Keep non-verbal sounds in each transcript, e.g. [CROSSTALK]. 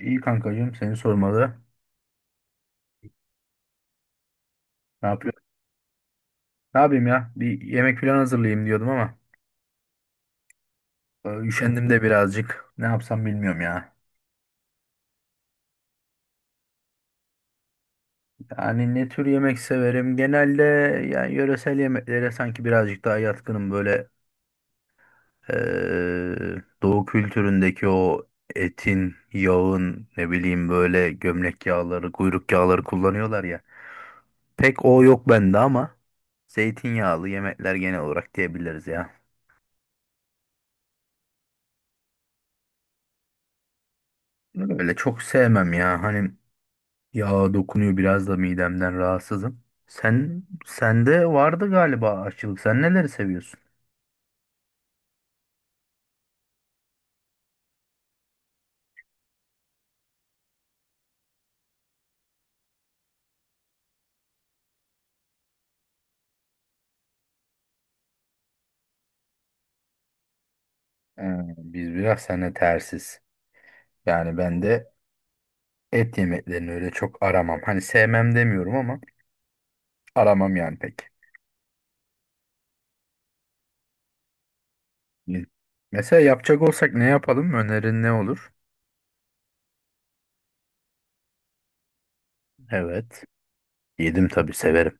İyi kankacığım seni sormalı. Ne yapıyorsun? Ne yapayım ya? Bir yemek falan hazırlayayım diyordum ama üşendim de birazcık. Ne yapsam bilmiyorum ya. Yani ne tür yemek severim? Genelde yani yöresel yemeklere sanki birazcık daha yatkınım. Böyle e, doğu kültüründeki o etin, yağın ne bileyim böyle gömlek yağları, kuyruk yağları kullanıyorlar ya. Pek o yok bende ama zeytinyağlı yemekler genel olarak diyebiliriz ya. Öyle çok sevmem ya. Hani ya dokunuyor biraz da midemden rahatsızım. Sen sende vardı galiba aşçılık. Sen neleri seviyorsun? Ee, Biz biraz seninle tersiz. Yani ben de et yemeklerini öyle çok aramam. Hani sevmem demiyorum ama aramam yani pek. Hı. Mesela yapacak olsak ne yapalım? Önerin ne olur? Evet. Yedim tabii severim.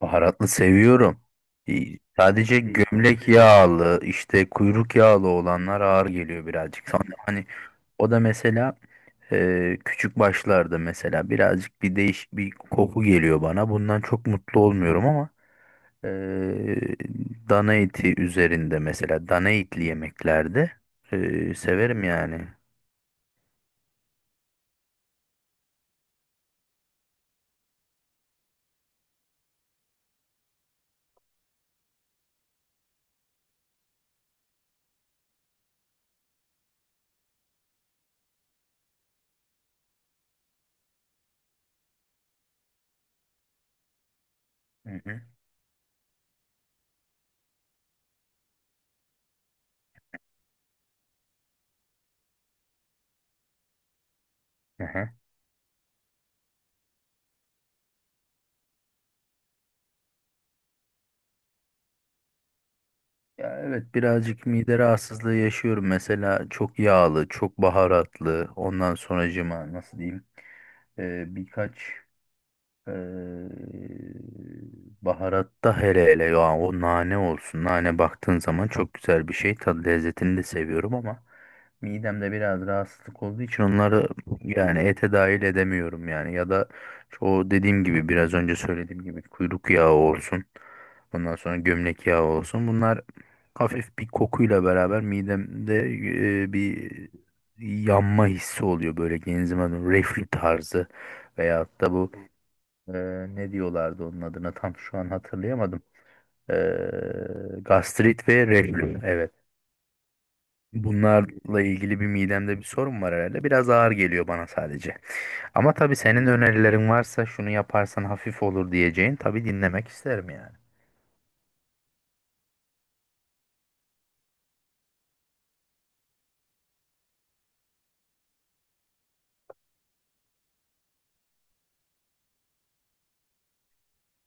Baharatlı seviyorum. İyi. Sadece gömlek yağlı, işte kuyruk yağlı olanlar ağır geliyor birazcık. Sonra hani o da mesela küçük başlarda mesela birazcık bir değiş bir koku geliyor bana. Bundan çok mutlu olmuyorum ama ee, dana eti üzerinde mesela dana etli yemeklerde severim yani. Hı hı. Hı hı. Ya evet birazcık mide rahatsızlığı yaşıyorum. Mesela çok yağlı, çok baharatlı. Ondan sonracıma nasıl diyeyim? Birkaç Ee, Baharatta hele hele ya o nane olsun. Nane baktığın zaman çok güzel bir şey. Tadı lezzetini de seviyorum ama midemde biraz rahatsızlık olduğu için onları yani ete dahil edemiyorum yani. Ya da o dediğim gibi biraz önce söylediğim gibi kuyruk yağı olsun. Ondan sonra gömlek yağı olsun. Bunlar hafif bir kokuyla beraber midemde bir yanma hissi oluyor böyle genzime doğru. Reflü tarzı veyahut da bu ne diyorlardı onun adına tam şu an hatırlayamadım. Ee, Gastrit ve reflü. Evet. Bunlarla ilgili bir midemde bir sorun var herhalde. Biraz ağır geliyor bana sadece. Ama tabii senin önerilerin varsa şunu yaparsan hafif olur diyeceğin tabii dinlemek isterim yani.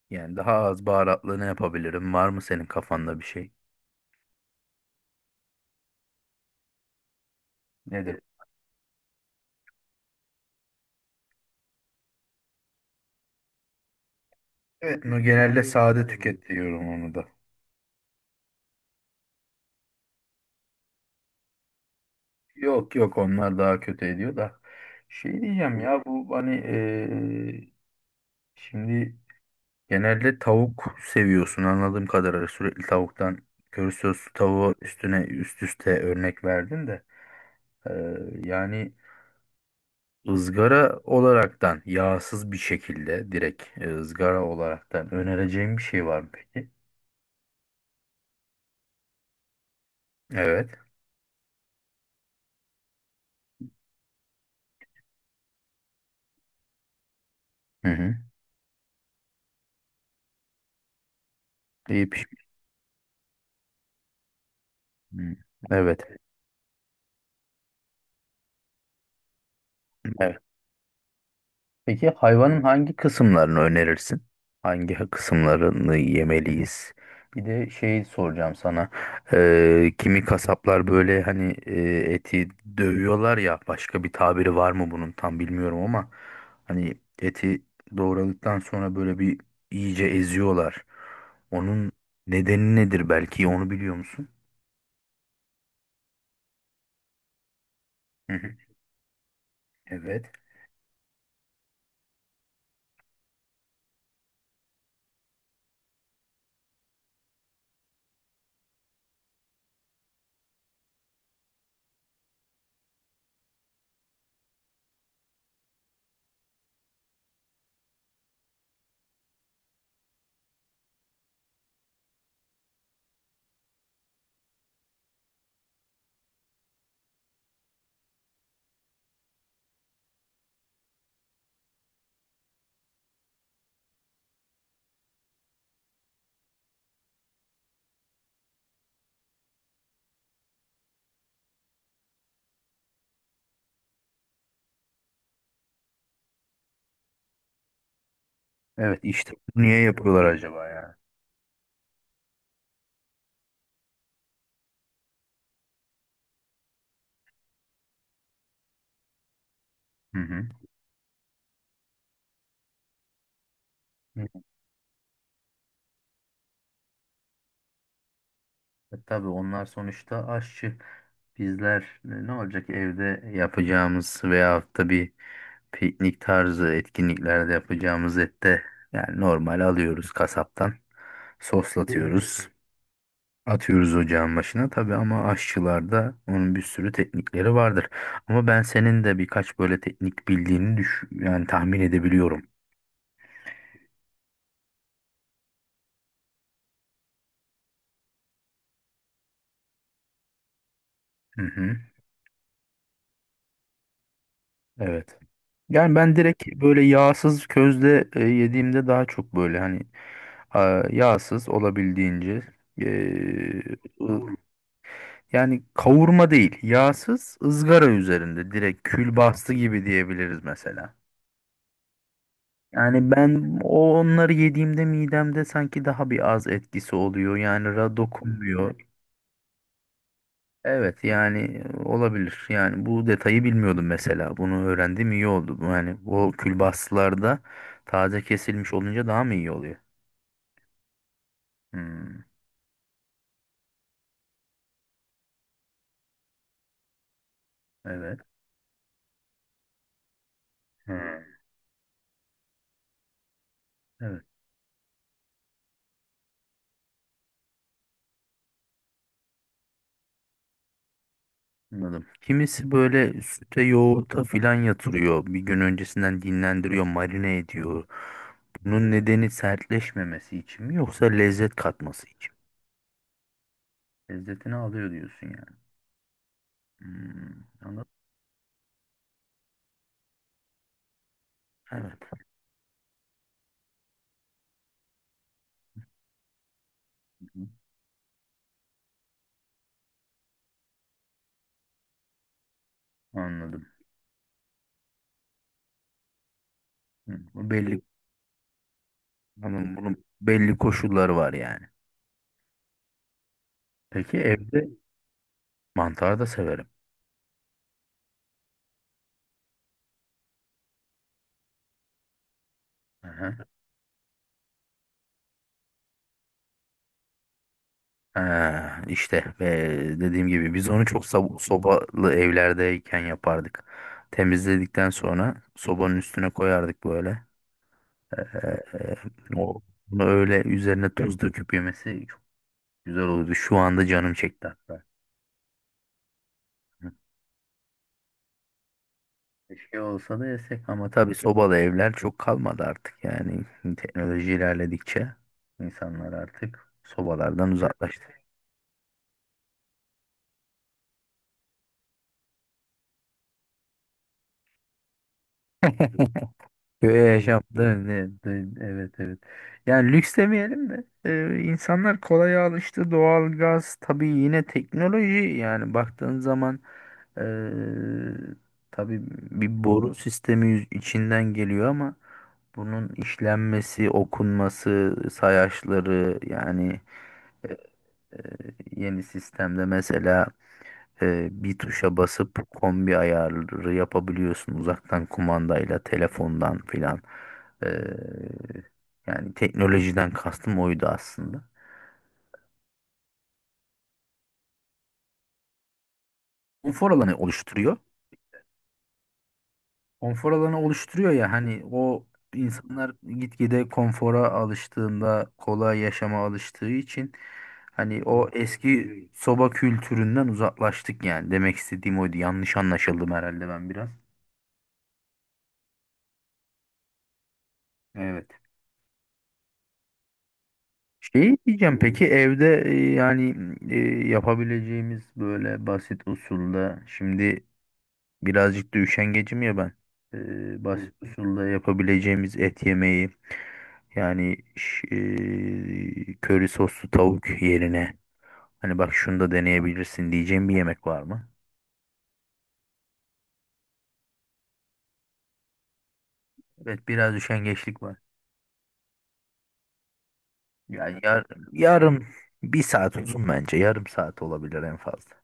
Yani daha az baharatlı ne yapabilirim? Var mı senin kafanda bir şey? Nedir? Evet, no, genelde sade tüket diyorum onu da. Yok yok onlar daha kötü ediyor da. Şey diyeceğim ya bu hani şimdi genelde tavuk seviyorsun anladığım kadarıyla sürekli tavuktan köri soslu tavuğu üstüne üst üste örnek verdin de. Ee, Yani ızgara olaraktan yağsız bir şekilde direkt ızgara olaraktan önereceğim bir şey var mı peki? Evet. Hı hı. İyi pişmiş. Hı. Evet. Evet. Peki hayvanın hangi kısımlarını önerirsin? Hangi kısımlarını yemeliyiz? Bir de şey soracağım sana. Kimi kasaplar böyle hani eti dövüyorlar ya başka bir tabiri var mı bunun tam bilmiyorum ama hani eti doğradıktan sonra böyle bir iyice eziyorlar. Onun nedeni nedir belki onu biliyor musun? Hı hı. Evet. Evet işte niye yapıyorlar acaba ya? Hı hı. E, tabii onlar sonuçta aşçı. Bizler ne olacak evde yapacağımız veyahut da bir piknik tarzı etkinliklerde yapacağımız ette yani normal alıyoruz kasaptan. Soslatıyoruz. Atıyoruz ocağın başına tabii ama aşçılarda onun bir sürü teknikleri vardır. Ama ben senin de birkaç böyle teknik bildiğini yani tahmin edebiliyorum. Hı hı. Evet. Yani ben direkt böyle yağsız közde yediğimde daha çok böyle hani a, yağsız olabildiğince e, ı- yani kavurma değil yağsız ızgara üzerinde direkt külbastı gibi diyebiliriz mesela. Yani ben o onları yediğimde midemde sanki daha bir az etkisi oluyor yani ra dokunmuyor. Evet yani olabilir. Yani bu detayı bilmiyordum mesela. Bunu öğrendim iyi oldu. Bu yani o külbastılarda taze kesilmiş olunca daha mı iyi oluyor? Hmm, evet. Hmm, evet. Anladım. Kimisi böyle süte yoğurta filan yatırıyor. Bir gün öncesinden dinlendiriyor, marine ediyor. Bunun nedeni sertleşmemesi için mi yoksa lezzet katması için mi? Lezzetini alıyor diyorsun yani. Hmm, anladım. Evet. Hı hı. Anladım. Hı, bu belli bunun, bunun belli koşulları var yani. Peki evde mantar da severim. Aha. Ha, işte ve dediğim gibi biz onu çok sobalı evlerdeyken yapardık. Temizledikten sonra sobanın üstüne koyardık böyle. Ee, o, Bunu öyle üzerine tuz döküp yemesi çok güzel olurdu. Şu anda canım çekti hatta. Bir şey olsa da yesek ama tabii sobalı evler çok kalmadı artık yani teknoloji ilerledikçe insanlar artık sobalardan uzaklaştı. [LAUGHS] Köye yaşamda evet evet. Yani lüks demeyelim de insanlar kolay alıştı doğal gaz tabii yine teknoloji yani baktığın zaman e, tabii bir boru sistemi içinden geliyor ama bunun işlenmesi, okunması, sayaçları yani. E, e, Yeni sistemde mesela bir tuşa basıp kombi ayarı yapabiliyorsun uzaktan kumandayla, telefondan filan. E, Yani teknolojiden kastım oydu aslında. Konfor alanı oluşturuyor. Konfor alanı oluşturuyor ya hani o insanlar gitgide konfora alıştığında, kolay yaşama alıştığı için hani o eski soba kültüründen uzaklaştık yani. Demek istediğim oydu. Yanlış anlaşıldım herhalde ben biraz. Evet. Şey diyeceğim peki evde yani e, yapabileceğimiz böyle basit usulda şimdi birazcık da üşengecim ya ben. E, Hı basit hı. Usulda yapabileceğimiz et yemeği yani köri soslu tavuk yerine hani bak şunu da deneyebilirsin diyeceğim bir yemek var mı? Evet biraz üşengeçlik var. Yani yarım bir saat uzun bence yarım saat olabilir en fazla.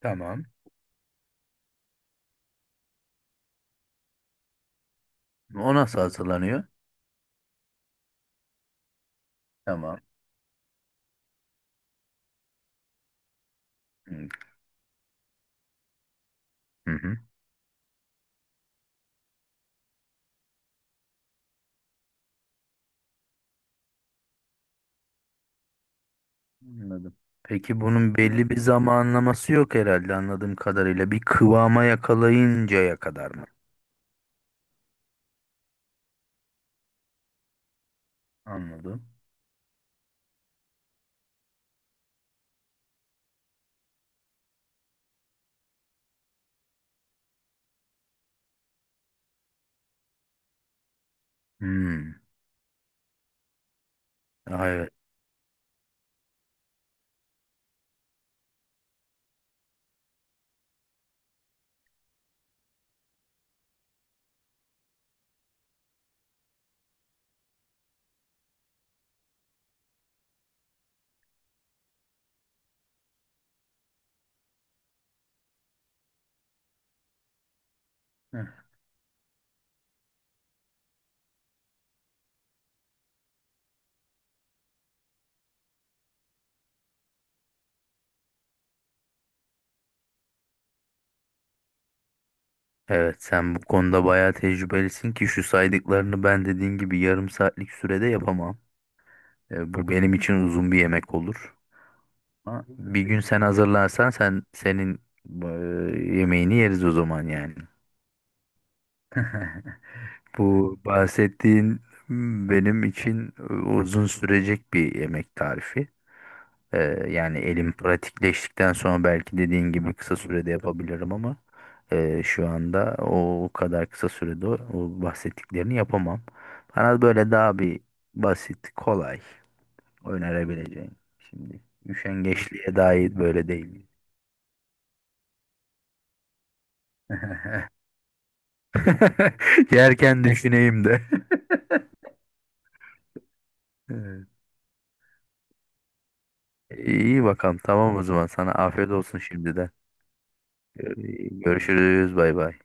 Tamam. O nasıl hazırlanıyor? Tamam. Hı hı. Anladım. Peki bunun belli bir zamanlaması yok herhalde anladığım kadarıyla. Bir kıvama yakalayıncaya kadar mı? Anladım. Hmm. Aa, evet. Heh. Evet sen bu konuda bayağı tecrübelisin ki şu saydıklarını ben dediğin gibi yarım saatlik sürede yapamam. E, bu benim için uzun bir yemek olur. Ama bir gün sen hazırlarsan sen senin e, yemeğini yeriz o zaman yani. [LAUGHS] Bu bahsettiğin hmm, benim için uzun sürecek bir yemek tarifi. Ee, Yani elim pratikleştikten sonra belki dediğin gibi kısa sürede yapabilirim ama şu anda o kadar kısa sürede o bahsettiklerini yapamam. Bana böyle daha bir basit, kolay önerebileceğin. Şimdi üşengeçliğe dair böyle değil. [LAUGHS] Yerken düşüneyim de. [LAUGHS] Evet. İyi bakalım. Tamam o zaman. Sana afiyet olsun şimdiden. Ee, Görüşürüz. Bay bay.